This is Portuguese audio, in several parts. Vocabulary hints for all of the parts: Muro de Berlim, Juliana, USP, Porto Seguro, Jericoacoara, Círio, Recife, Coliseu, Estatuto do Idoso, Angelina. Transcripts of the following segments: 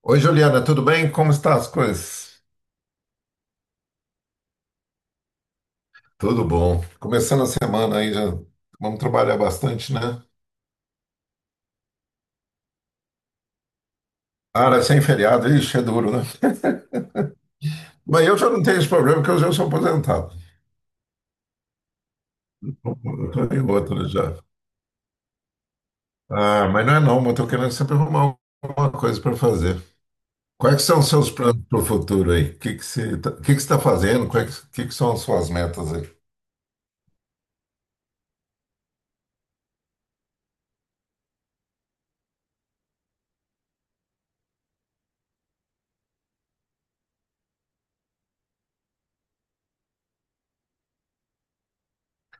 Oi, Juliana, tudo bem? Como estão as coisas? Tudo bom. Começando a semana aí, já vamos trabalhar bastante, né? Cara, sem feriado, ixi, é duro, né? Mas eu já não tenho esse problema, porque eu já sou aposentado. Eu tô em outra já. Ah, mas não é não, mas eu tô querendo sempre arrumar alguma coisa para fazer. Quais que são os seus planos para o futuro aí? O que que você tá, o que que você tá fazendo? Quais, o que que são as suas metas aí?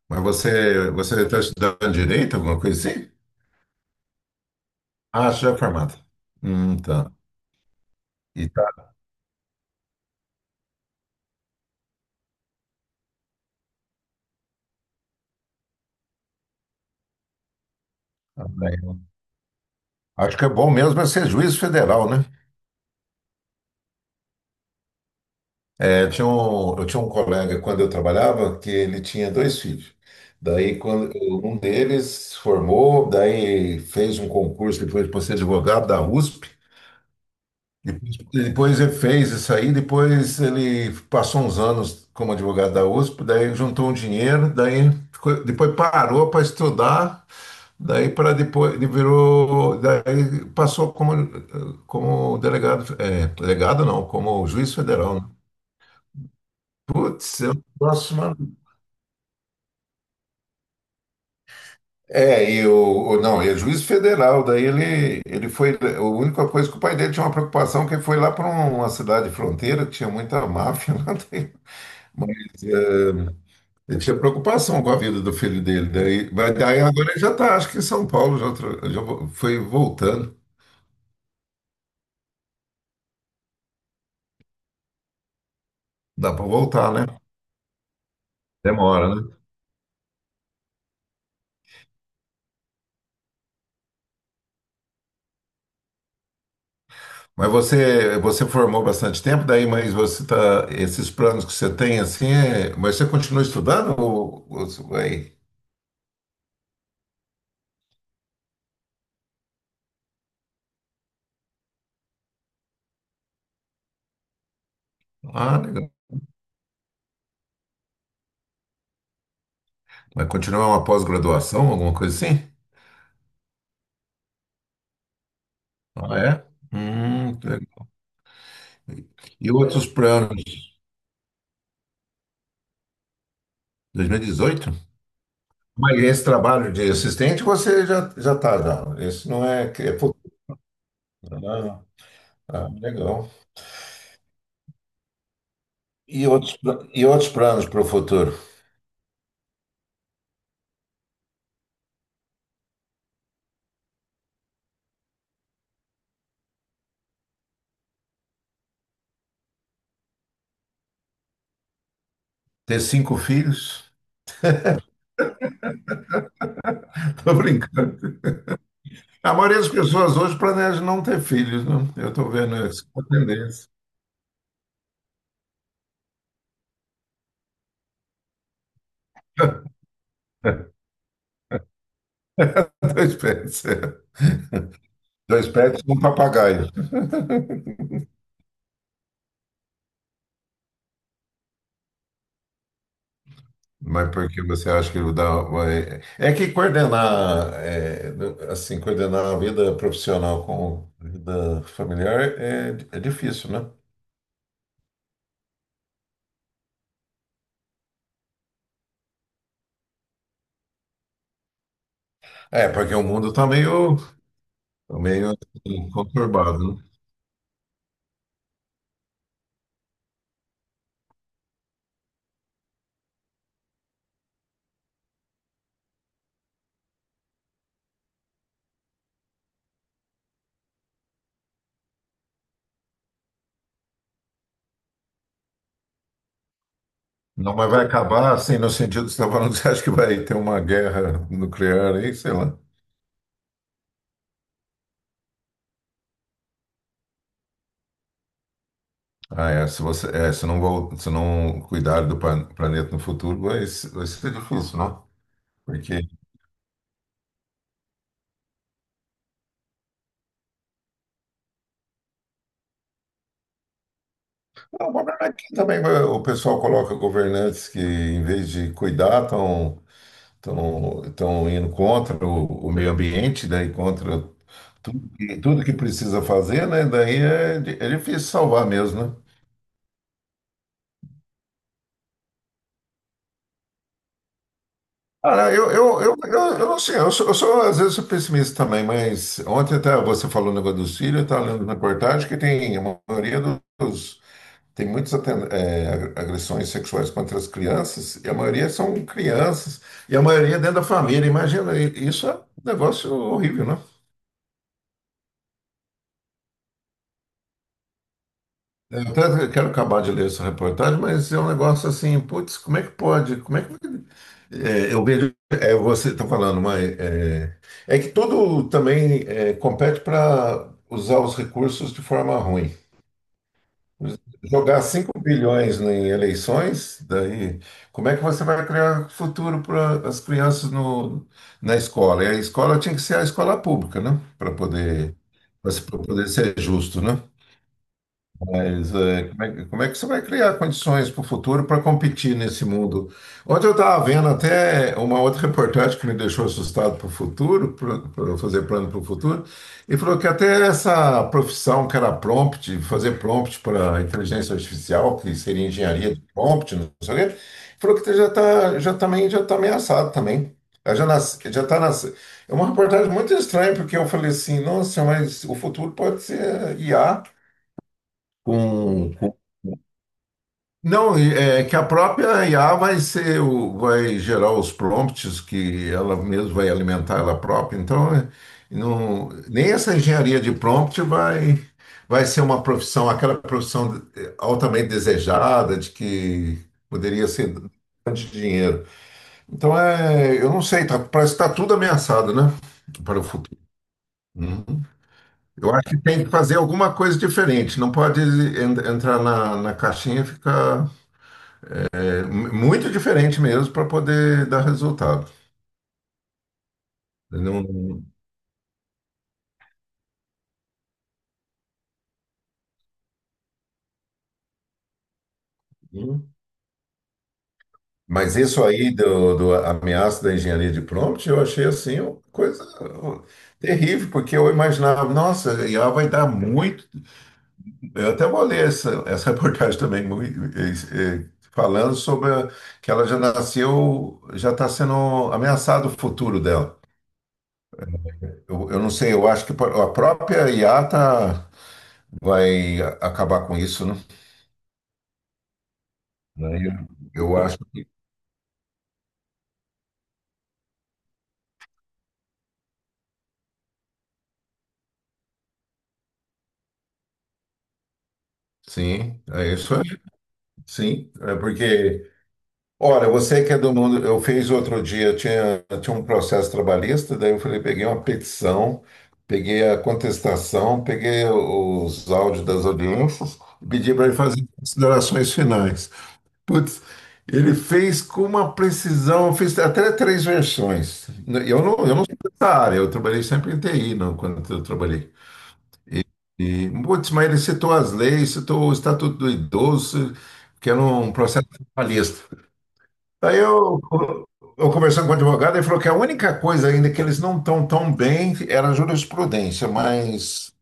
Mas você está estudando direito, alguma coisa assim? Ah, você já é formada. Tá. E tá. Tá bem, né? Acho que é bom mesmo é ser juiz federal, né? É, eu tinha um colega quando eu trabalhava que ele tinha dois filhos. Daí quando um deles formou, daí fez um concurso depois para ser advogado da USP. Depois ele fez isso aí, depois ele passou uns anos como advogado da USP, daí juntou um dinheiro, depois parou para estudar. Daí para depois ele virou, daí passou como, delegado, é, delegado não, como juiz federal, né? Putz, é um negócio maluco. É, e o, não, ele é juiz federal, daí ele foi, a única coisa que o pai dele tinha uma preocupação, é que ele foi lá para uma cidade fronteira, que tinha muita máfia lá, daí, mas ele tinha preocupação com a vida do filho dele, daí, mas daí agora ele já está, acho que em São Paulo, já, foi voltando, dá para voltar, né? Demora, né? Mas você formou bastante tempo daí, mas você tá, esses planos que você tem assim, mas você continua estudando ou você vai? Ah, legal. Vai continuar uma pós-graduação, alguma coisa assim? Ah, é? Que legal. E outros planos? 2018. Mas esse trabalho de assistente você já tá já. Esse não é que é futuro. Ah, ah, legal. E outros planos para o futuro? Ter cinco filhos? Tô brincando. A maioria das pessoas hoje planeja não ter filhos, né? Eu estou vendo essa tendência. Dois pets, é. Dois pets e um papagaio. Mas por que você acha que É que coordenar, é, assim, coordenar a vida profissional com a vida familiar é difícil, né? É, porque o mundo está meio, tá meio assim, conturbado, né? Não, mas vai acabar, assim, no sentido que você está falando, você acha que vai ter uma guerra nuclear aí, sei lá. Ah, é, se não, se não cuidar do planeta no futuro, vai, se- vai ser difícil, né? Porque Não, o problema é que também o pessoal coloca governantes que, em vez de cuidar, estão tão indo contra o meio ambiente, daí contra tudo que precisa fazer, né? Daí é difícil salvar mesmo, né? Cara, eu não sei, eu sou, às vezes sou pessimista também, mas ontem até você falou o negócio do Círio, eu estava lendo na reportagem que tem a maioria dos tem muitas é, agressões sexuais contra as crianças, e a maioria são crianças, e a maioria dentro da família. Imagina, isso é um negócio horrível, né? Eu até quero acabar de ler essa reportagem, mas é um negócio assim, putz, como é que pode? Como é que. É, eu vejo, é, você está falando, mas é que tudo também é, compete para usar os recursos de forma ruim. Jogar 5 bilhões em eleições, daí, como é que você vai criar futuro para as crianças no, na escola? E a escola tinha que ser a escola pública, né? Para poder ser justo, né? Mas, é, como é que você vai criar condições para o futuro para competir nesse mundo? Ontem eu estava vendo até uma outra reportagem que me deixou assustado para o futuro, para fazer plano para o futuro, e falou que até essa profissão que era prompt, fazer prompt para inteligência artificial, que seria engenharia de prompt, não sei o quê, falou que já está já também já tá ameaçado também. Ela Já nas, já tá nas, É uma reportagem muito estranha, porque eu falei assim, nossa, mas o futuro pode ser IA com, não, é que a própria IA vai ser vai gerar os prompts que ela mesma vai alimentar ela própria. Então, é, não, nem essa engenharia de prompt vai ser uma profissão, aquela profissão altamente desejada de que poderia ser de dinheiro. Então, é, eu não sei, tá, parece que está tudo ameaçado, né, para o futuro. Uhum. Eu acho que tem que fazer alguma coisa diferente. Não pode entrar na caixinha e ficar. Muito diferente mesmo para poder dar resultado. Não- não- Mas isso aí do ameaço da engenharia de prompt, eu achei assim uma coisa terrível, porque eu imaginava, nossa, IA vai dar muito. Eu até vou ler essa reportagem também, muito, falando sobre que ela já nasceu, já está sendo ameaçado o futuro dela. Eu não sei, eu acho que a própria IA tá, vai acabar com isso, né? Aí eu acho. Sim, é isso aí. Sim, é porque, olha, você que é do mundo, eu fiz outro dia, eu tinha um processo trabalhista, daí eu falei, peguei uma petição, peguei a contestação, peguei os áudios das audiências, pedi para ele fazer considerações finais. Putz, ele fez com uma precisão, eu fiz até três versões. Eu não sou dessa área, eu trabalhei sempre em TI, não, quando eu trabalhei. E, putz, mas ele citou as leis, citou o Estatuto do Idoso, que era um processo trabalhista. Daí eu conversando com o advogado, ele falou que a única coisa ainda que eles não estão tão bem era a jurisprudência, mas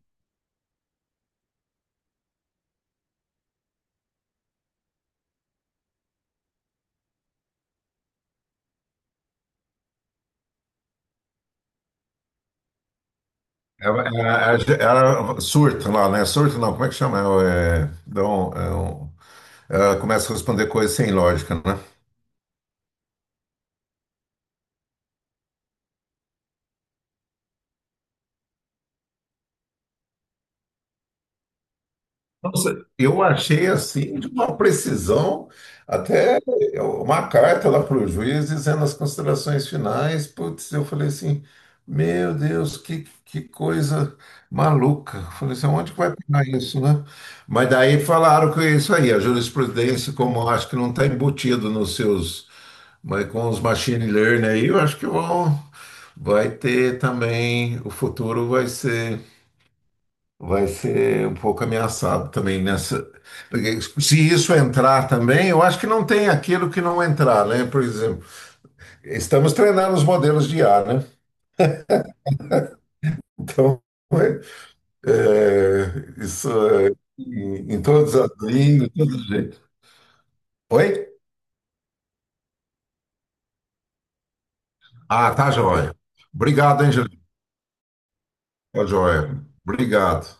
era surto lá, né? Surta não, como é que chama? É, dá um- é um- ela começa a responder coisas sem lógica, né? Nossa, eu achei assim de uma precisão, até uma carta lá para o juiz dizendo as considerações finais. Putz, eu falei assim, meu Deus, que coisa maluca. Eu falei assim, onde que vai pegar isso, né? Mas daí falaram que é isso aí, a jurisprudência, como eu acho que não está embutido nos seus, mas com os machine learning aí, eu acho que vão, vai ter também, o futuro vai ser um pouco ameaçado também nessa. Porque se isso entrar também, eu acho que não tem aquilo que não entrar, né? Por exemplo, estamos treinando os modelos de IA, né? Então, é, isso é, em todas as línguas, de todo jeito. Oi? Ah, tá joia. Obrigado, Angelina. Tá joia. Obrigado.